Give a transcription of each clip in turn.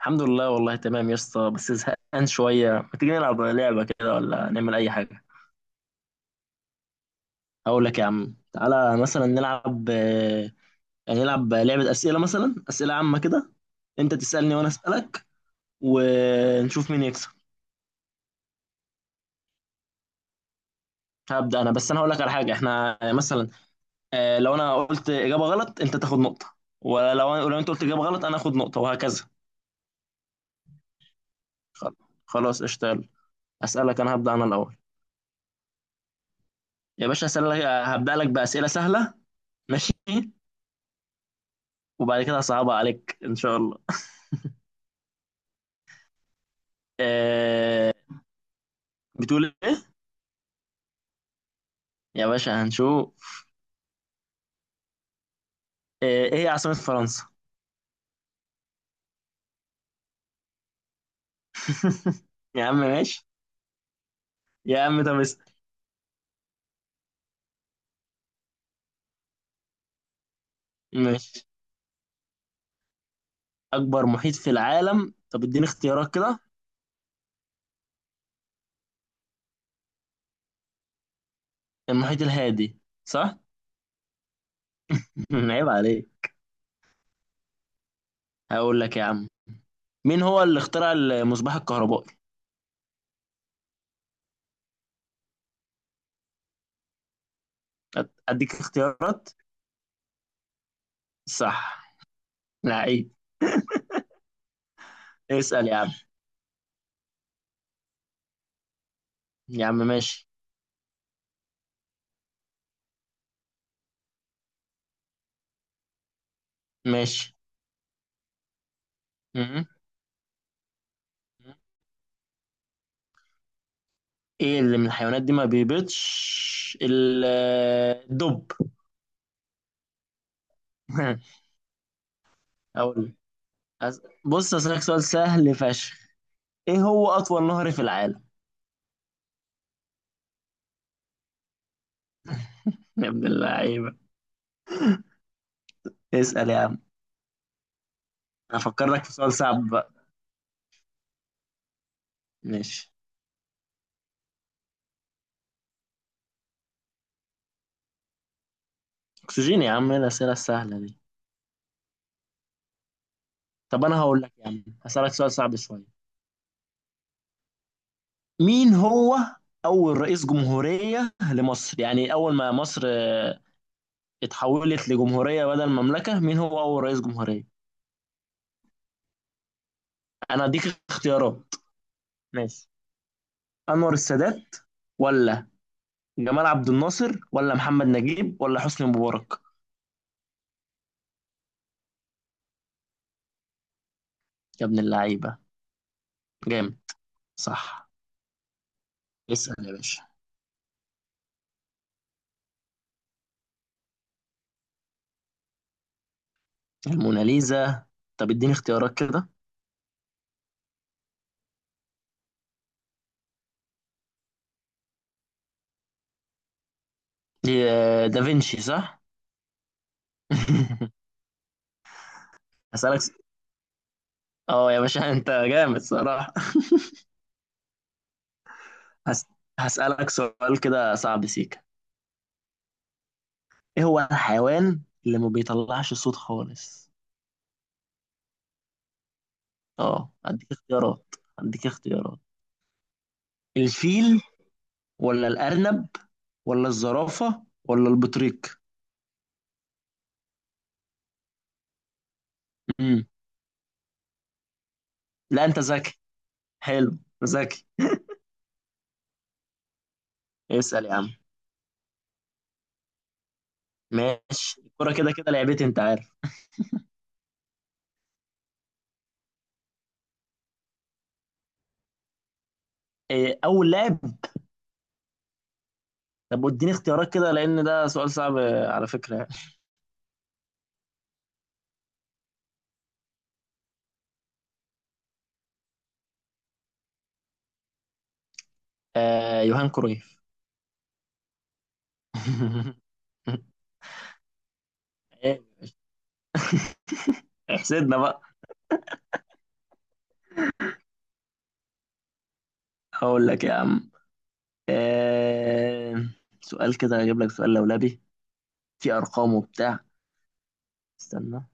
الحمد لله، والله تمام يا اسطى، بس زهقان شوية. ما تيجي نلعب لعبة كده ولا نعمل أي حاجة؟ أقول لك يا عم، تعالى مثلا نلعب، يعني نلعب لعبة أسئلة مثلا أسئلة عامة كده. أنت تسألني وأنا أسألك، ونشوف مين يكسب. هبدأ أنا، بس أنا هقول لك على حاجة. إحنا مثلا، لو أنا قلت إجابة غلط أنت تاخد نقطة، ولو أنت قلت إجابة غلط أنا آخد نقطة وهكذا. خل- خلاص اشتغل. أسألك، أنا هبدأ أنا الأول. يا باشا أسألك، هبدأ لك بأسئلة سهلة. ماشي. وبعد كده هصعبها عليك ان شاء الله. آه، بتقول ايه؟ يا باشا هنشوف. ايه هي عاصمة فرنسا؟ يا عم ماشي. يا عم طب اسأل. ماشي. اكبر محيط في العالم؟ طب اديني اختيارات كده. المحيط الهادي. صح. عيب عليك. هقول لك يا عم، مين هو اللي اخترع المصباح الكهربائي؟ اديك اختيارات. صح. لعيب. اسأل يا عم. يا عم ماشي ماشي. م- ايه اللي من الحيوانات دي ما بيبيضش؟ الدب. اقول. بص اسالك سؤال سهل فشخ. ايه هو اطول نهر في العالم؟ يا ابن اللعيبه. اسال يا عم. هفكر لك في سؤال صعب بقى. ماشي. اكسجين يا عم. ايه الاسئله السهله دي؟ طب انا هقول لك يا عم، هسالك سؤال صعب شويه. مين هو اول رئيس جمهوريه لمصر؟ يعني اول ما مصر اتحولت لجمهوريه بدل مملكه، مين هو اول رئيس جمهوريه؟ انا اديك اختيارات. ماشي. انور السادات، ولا جمال عبد الناصر، ولا محمد نجيب، ولا حسني مبارك؟ يا ابن اللعيبه. جامد. صح. اسال يا باشا. الموناليزا؟ طب اديني اختيارات كده. دي دافنشي. صح. هسألك. اه، يا باشا انت جامد صراحة. هس... هسألك سؤال كده صعب سيكا. ايه هو الحيوان اللي ما بيطلعش صوت خالص؟ اه، هديك اختيارات. الفيل، ولا الأرنب، ولا الزرافة، ولا البطريق؟ امم. لا أنت ذكي. حلو. ذكي. اسأل يا عم. ماشي. الكورة كده كده لعبتي أنت عارف. إيه أول لاعب؟ طب اديني اختيارات كده، لأن ده سؤال صعب على فكرة يعني. يوهان كرويف. إيه، احسدنا بقى. هقول لك يا عم. آه سؤال كده، هجيب لك سؤال لولبي. في ارقام وبتاع. استنى.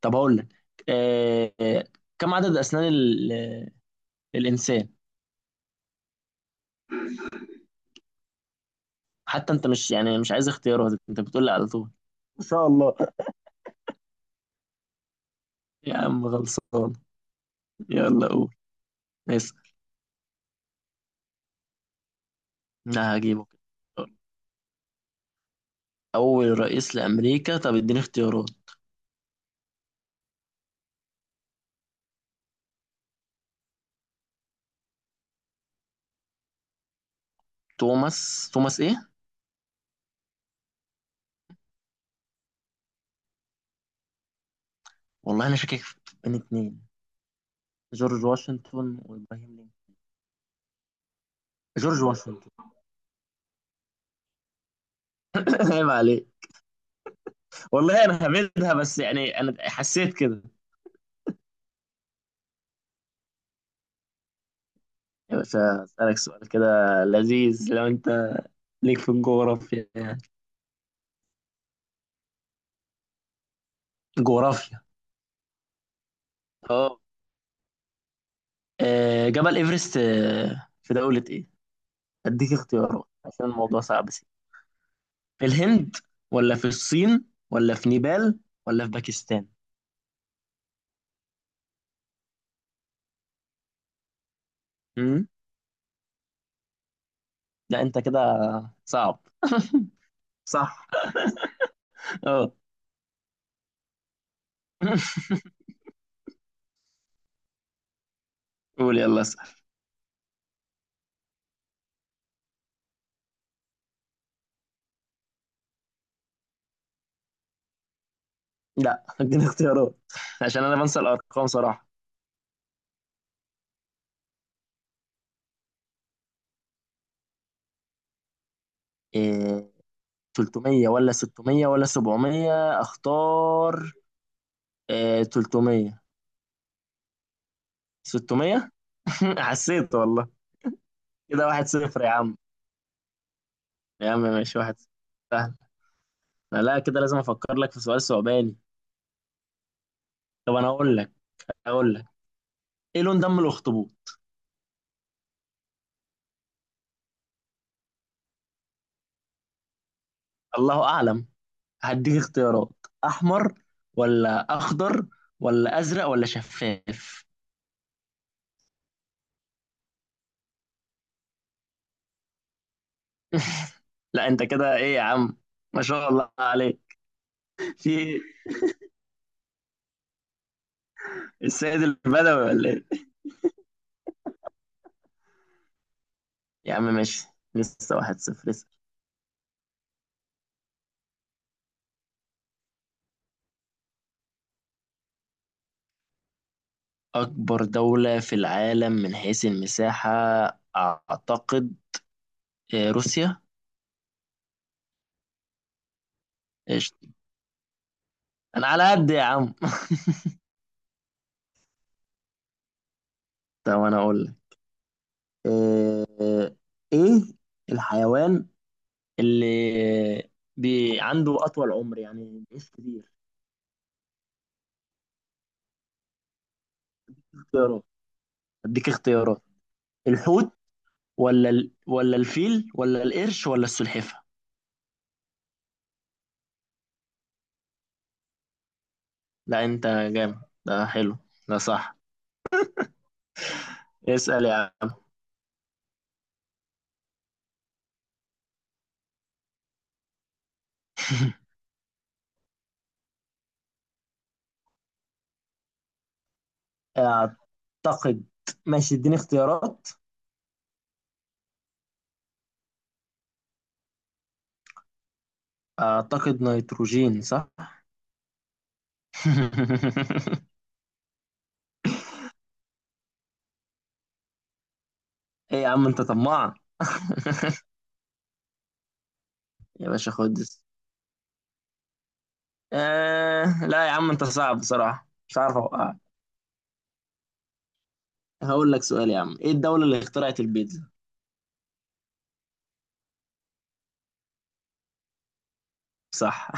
طب هقول لك، آه كم عدد اسنان الانسان؟ حتى انت مش، يعني مش عايز اختيارات؟ انت بتقول لي على طول. ان شاء الله. يا عم خلصان. يلا قول، اسأل. لا، هجيبه كده. اول رئيس لامريكا؟ طب اديني اختيارات. توماس ايه؟ والله انا شاكك بين اتنين: جورج واشنطن وابراهيم لينكولن. جورج واشنطن. عيب عليك. والله انا هبدها بس، يعني انا حسيت كده. يا باشا اسالك سؤال كده لذيذ، لو انت ليك في الجغرافيا يعني. جغرافيا، اه. جبل ايفرست في دولة ايه؟ أديك اختيارات عشان الموضوع صعب سي. في الهند، ولا في الصين، ولا في نيبال، ولا في باكستان؟ امم. لا أنت كده صعب. صح. اه. قول، يلا اسأل. لا، اديني اختيارات عشان أنا بنسى الأرقام صراحة. إيه، 300 ولا 600 ولا 700 أختار؟ إيه، 300. 600. حسيت والله. كده واحد صفر يا عم. يا عم ماشي، واحد صفر. سهل؟ لا كده لازم أفكر لك في سؤال صعباني. طب أنا أقول لك. ايه لون دم الاخطبوط؟ الله اعلم. هديك اختيارات. احمر، ولا اخضر، ولا ازرق، ولا شفاف؟ لا انت كده ايه يا عم! ما شاء الله عليك. في إيه؟ السيد البدوي ولا ايه؟ يا عم ماشي، لسه واحد صفر لسه. اكبر دولة في العالم من حيث المساحة. اعتقد روسيا. قشطة. انا على قد يا عم. طب انا اقول لك. آه، ايه الحيوان اللي عنده أطول عمر، يعني بيعيش كتير؟ اختيارات. أديك اختيارات. الحوت، ولا الفيل، ولا القرش، ولا السلحفة؟ لا أنت جامد. ده حلو. ده صح. اسأل يا عم. أعتقد. ماشي اديني اختيارات. أعتقد نيتروجين. صح. إيه يا عم أنت طماع. يا باشا خد دي. لا يا عم أنت صعب بصراحة، مش عارف أوقعك. هقول لك سؤال يا عم، إيه الدولة اللي اخترعت البيتزا؟ صح.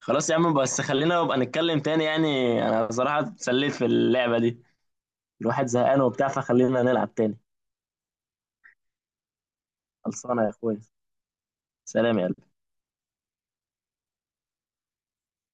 خلاص يا عم، بس خلينا نبقى نتكلم تاني يعني. انا بصراحة اتسليت في اللعبة دي. الواحد زهقان وبتاع، فخلينا نلعب تاني. خلصانة يا اخويا. سلام يا قلبي.